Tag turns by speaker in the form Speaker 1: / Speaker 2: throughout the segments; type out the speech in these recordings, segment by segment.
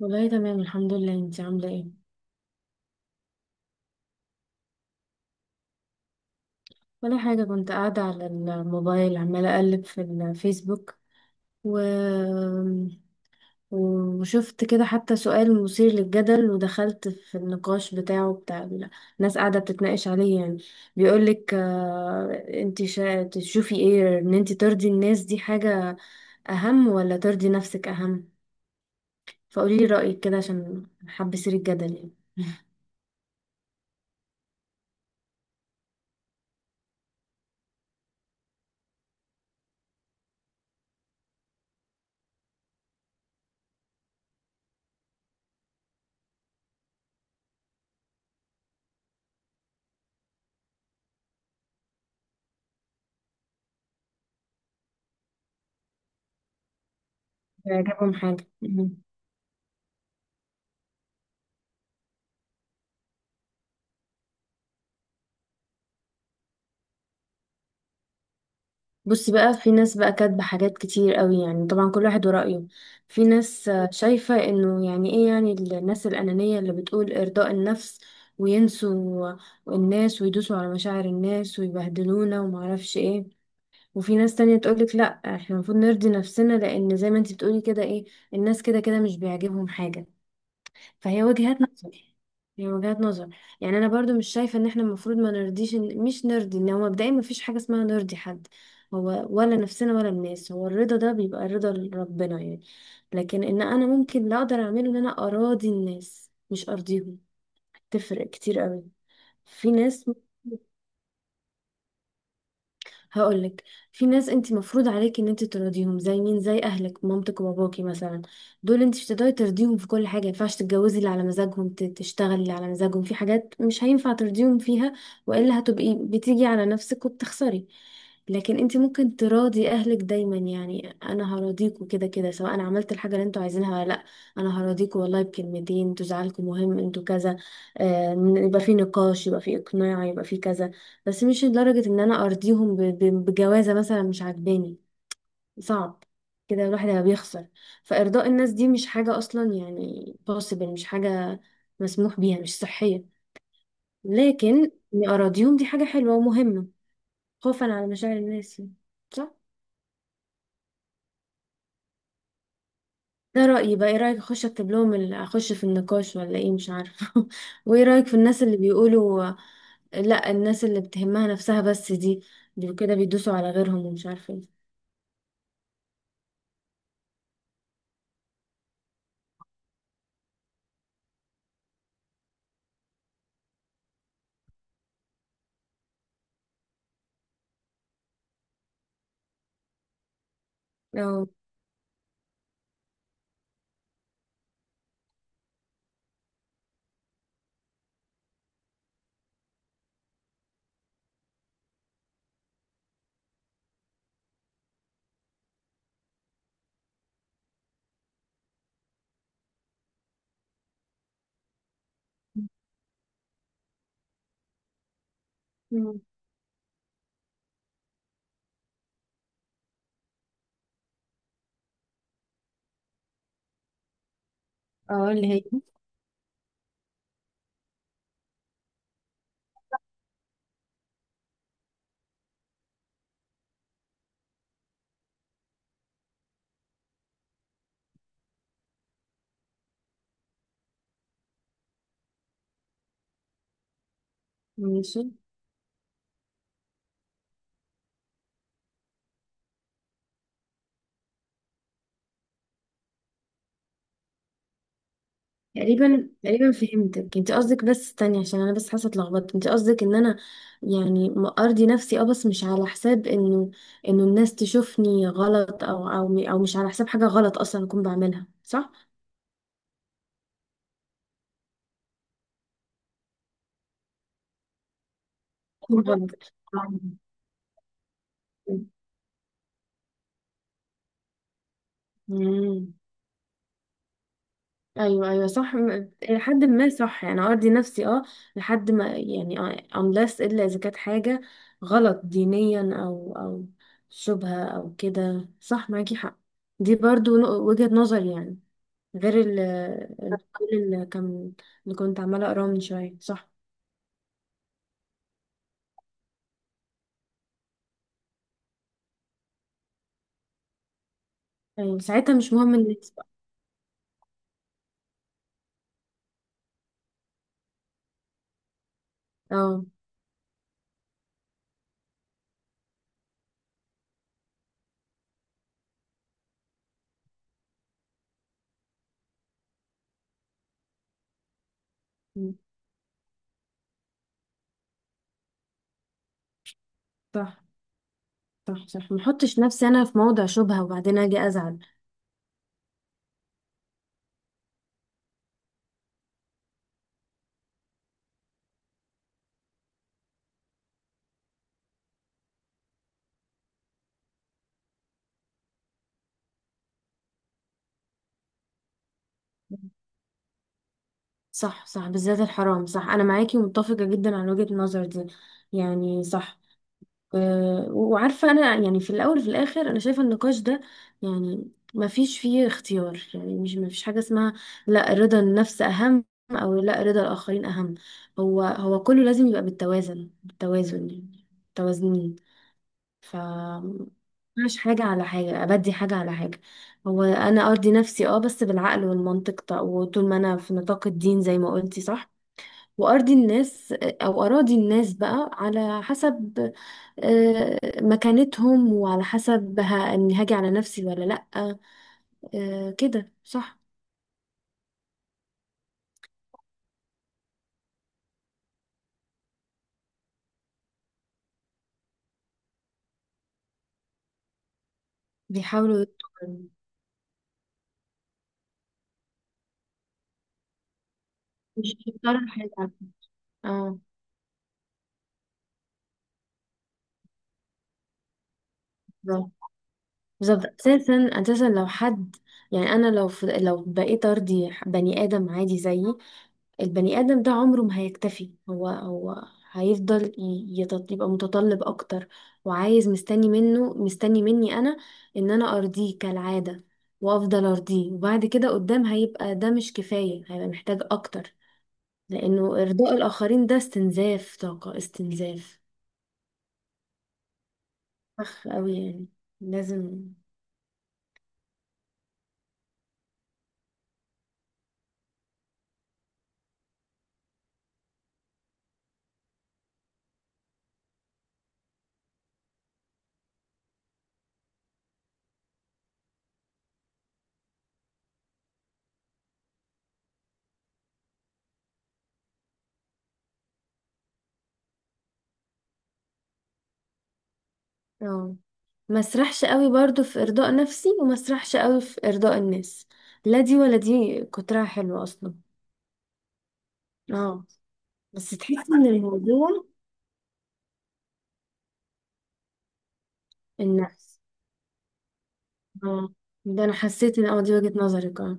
Speaker 1: والله تمام الحمد لله، انت عاملة ايه؟ ولا حاجة، كنت قاعدة على الموبايل عمالة اقلب في الفيسبوك. و... وشفت كده حتى سؤال مثير للجدل، ودخلت في النقاش بتاعه الناس قاعدة بتتناقش عليه يعني. بيقولك انت تشوفي ايه، ان انت ترضي الناس دي حاجة اهم ولا ترضي نفسك اهم؟ فقوليلي رأيك كده عشان حابة اثير الجدل يعني. يعجبهم حاجة. بصي بقى، في ناس بقى كاتبة حاجات كتير قوي، يعني طبعا كل واحد ورأيه. في ناس شايفة انه يعني ايه، يعني الناس الأنانية اللي بتقول إرضاء النفس، وينسوا الناس ويدوسوا على مشاعر الناس ويبهدلونا ومعرفش ايه. وفي ناس تانية تقولك لا، احنا المفروض نرضي نفسنا، لأن زي ما انتي بتقولي كده ايه، الناس كده كده مش بيعجبهم حاجة. فهي وجهات نظر. هي وجهات نظر. يعني انا برضو مش شايفه ان احنا المفروض ما نرضيش مش نرضي، ان هو مبدئيا ما فيش حاجه اسمها نرضي حد، هو ولا نفسنا ولا الناس. هو الرضا ده بيبقى رضا ربنا يعني. لكن ان انا ممكن لا اقدر اعمله، ان انا اراضي الناس مش ارضيهم. تفرق كتير قوي. في ناس. هقولك، في ناس انت مفروض عليك ان انت ترضيهم، زي مين؟ زي اهلك، مامتك وباباكي مثلا. دول انت مش هتقدري ترضيهم في كل حاجه، مينفعش تتجوزي اللي على مزاجهم، تشتغلي اللي على مزاجهم، في حاجات مش هينفع ترضيهم فيها، والا هتبقي بتيجي على نفسك وبتخسري. لكن انت ممكن تراضي اهلك دايما. يعني انا هراضيكوا كده كده، سواء انا عملت الحاجه اللي انتوا عايزينها ولا لا. انا هراضيكوا، والله بكلمتين انتوا زعلكم مهم، انتوا كذا. يبقى في نقاش، يبقى في اقناع، يبقى في كذا. بس مش لدرجة ان انا ارضيهم بجوازة مثلا مش عاجباني. صعب. كده الواحد هيبقى بيخسر. فارضاء الناس دي مش حاجة اصلا، يعني possible. مش حاجة مسموح بيها، مش صحية. لكن اني اراضيهم، دي حاجة حلوة ومهمة، خوفا على مشاعر الناس يعني. صح. ده رأيي بقى، ايه رأيك؟ اخش اكتب لهم اخش في النقاش ولا ايه، مش عارفة وايه رأيك في الناس اللي بيقولوا لا، الناس اللي بتهمها نفسها بس دي، دول كده بيدوسوا على غيرهم ومش عارفة ايه. أو. اه، اللي هي. ماشي. تقريبا تقريبا فهمتك. انت قصدك، بس استني عشان انا بس حاسه اتلخبطت، انت قصدك ان انا يعني ارضي نفسي اه، بس مش على حساب انه، انه الناس تشوفني غلط، او او مش على حساب حاجه غلط اصلا اكون بعملها، صح؟ أكون غلط. مم. ايوه ايوه صح، الى حد ما صح، يعني ارضي نفسي اه، لحد ما يعني، unless الا اذا كانت حاجه غلط دينيا او شبهه او كده، صح، معاكي حق. دي برضو وجهه نظر يعني، غير كل اللي كان، اللي كنت عماله اقراه من شويه، صح. ايوه، ساعتها مش مهم الناس بقى. اه. م، صح صح صح. ما احطش نفسي انا في موضع شبهه وبعدين اجي ازعل. صح صح، بالذات الحرام، صح، انا معاكي ومتفقه جدا على وجهه النظر دي، يعني صح. أه، وعارفه انا يعني في الاول وفي الاخر انا شايفه النقاش ده يعني ما فيش فيه اختيار، يعني مش ما فيش حاجه اسمها لا رضا النفس اهم او لا رضا الاخرين اهم. هو هو كله لازم يبقى بالتوازن، بالتوازن يعني متوازنين. ف مش حاجه على حاجه، ابدي حاجه على حاجه. هو انا ارضي نفسي اه، بس بالعقل والمنطق، طيب، وطول ما انا في نطاق الدين زي ما قلتي صح. وأرضي الناس أو أراضي الناس بقى على حسب مكانتهم، وعلى حسب إني هاجي على نفسي ولا لأ. كده صح. بيحاولوا يت- مش يختاروا حاجة. اه بالظبط. بالظبط. أساسا، أساسا لو حد، يعني أنا لو لو بقيت أرضي بني آدم عادي زيي، البني آدم ده عمره ما هيكتفي. هو هو هيفضل يبقى متطلب أكتر، وعايز، مستني منه مستني مني أنا إن أنا أرضيه كالعادة، وأفضل أرضيه، وبعد كده قدام هيبقى ده مش كفاية، هيبقى محتاج أكتر. لأنه إرضاء الآخرين ده استنزاف طاقة، استنزاف، أخ أوي يعني. لازم. اه، ما اسرحش قوي برضو في إرضاء نفسي، وما اسرحش قوي في إرضاء الناس. لا دي ولا دي كترها حلوة أصلا. اه. بس تحسي ان الموضوع، النفس. اه. ده انا حسيت ان دي وجهة نظرك. اه.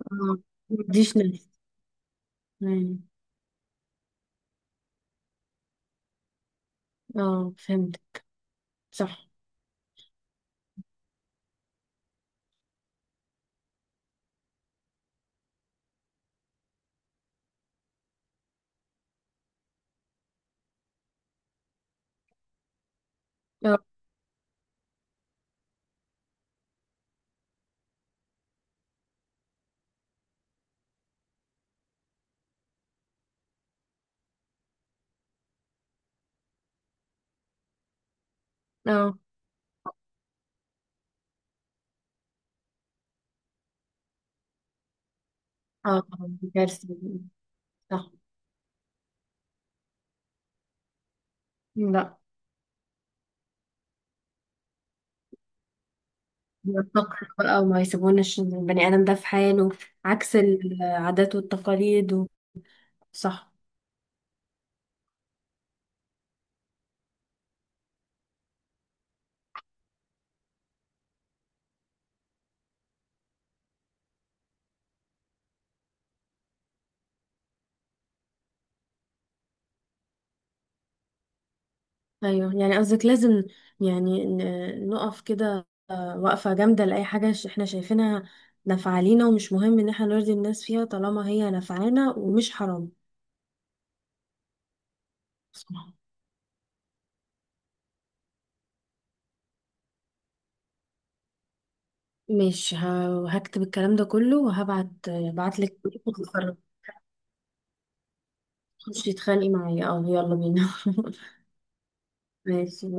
Speaker 1: اه، مديش نفس. مم. اه، فهمت. صح. اه اه اه، طبعا دي كارثة. صح. لا. التقر بقى، وما يسيبوناش البني آدم ده في حاله، عكس العادات والتقاليد. صح. ايوه، يعني قصدك لازم يعني نقف كده وقفة جامدة لأي حاجة احنا شايفينها نافعة لينا، ومش مهم ان احنا نرضي الناس فيها طالما هي نافعانا ومش حرام. مش هكتب الكلام ده كله وهبعت بعتلك. خش تتخانقي معايا، اه يلا بينا ماشي.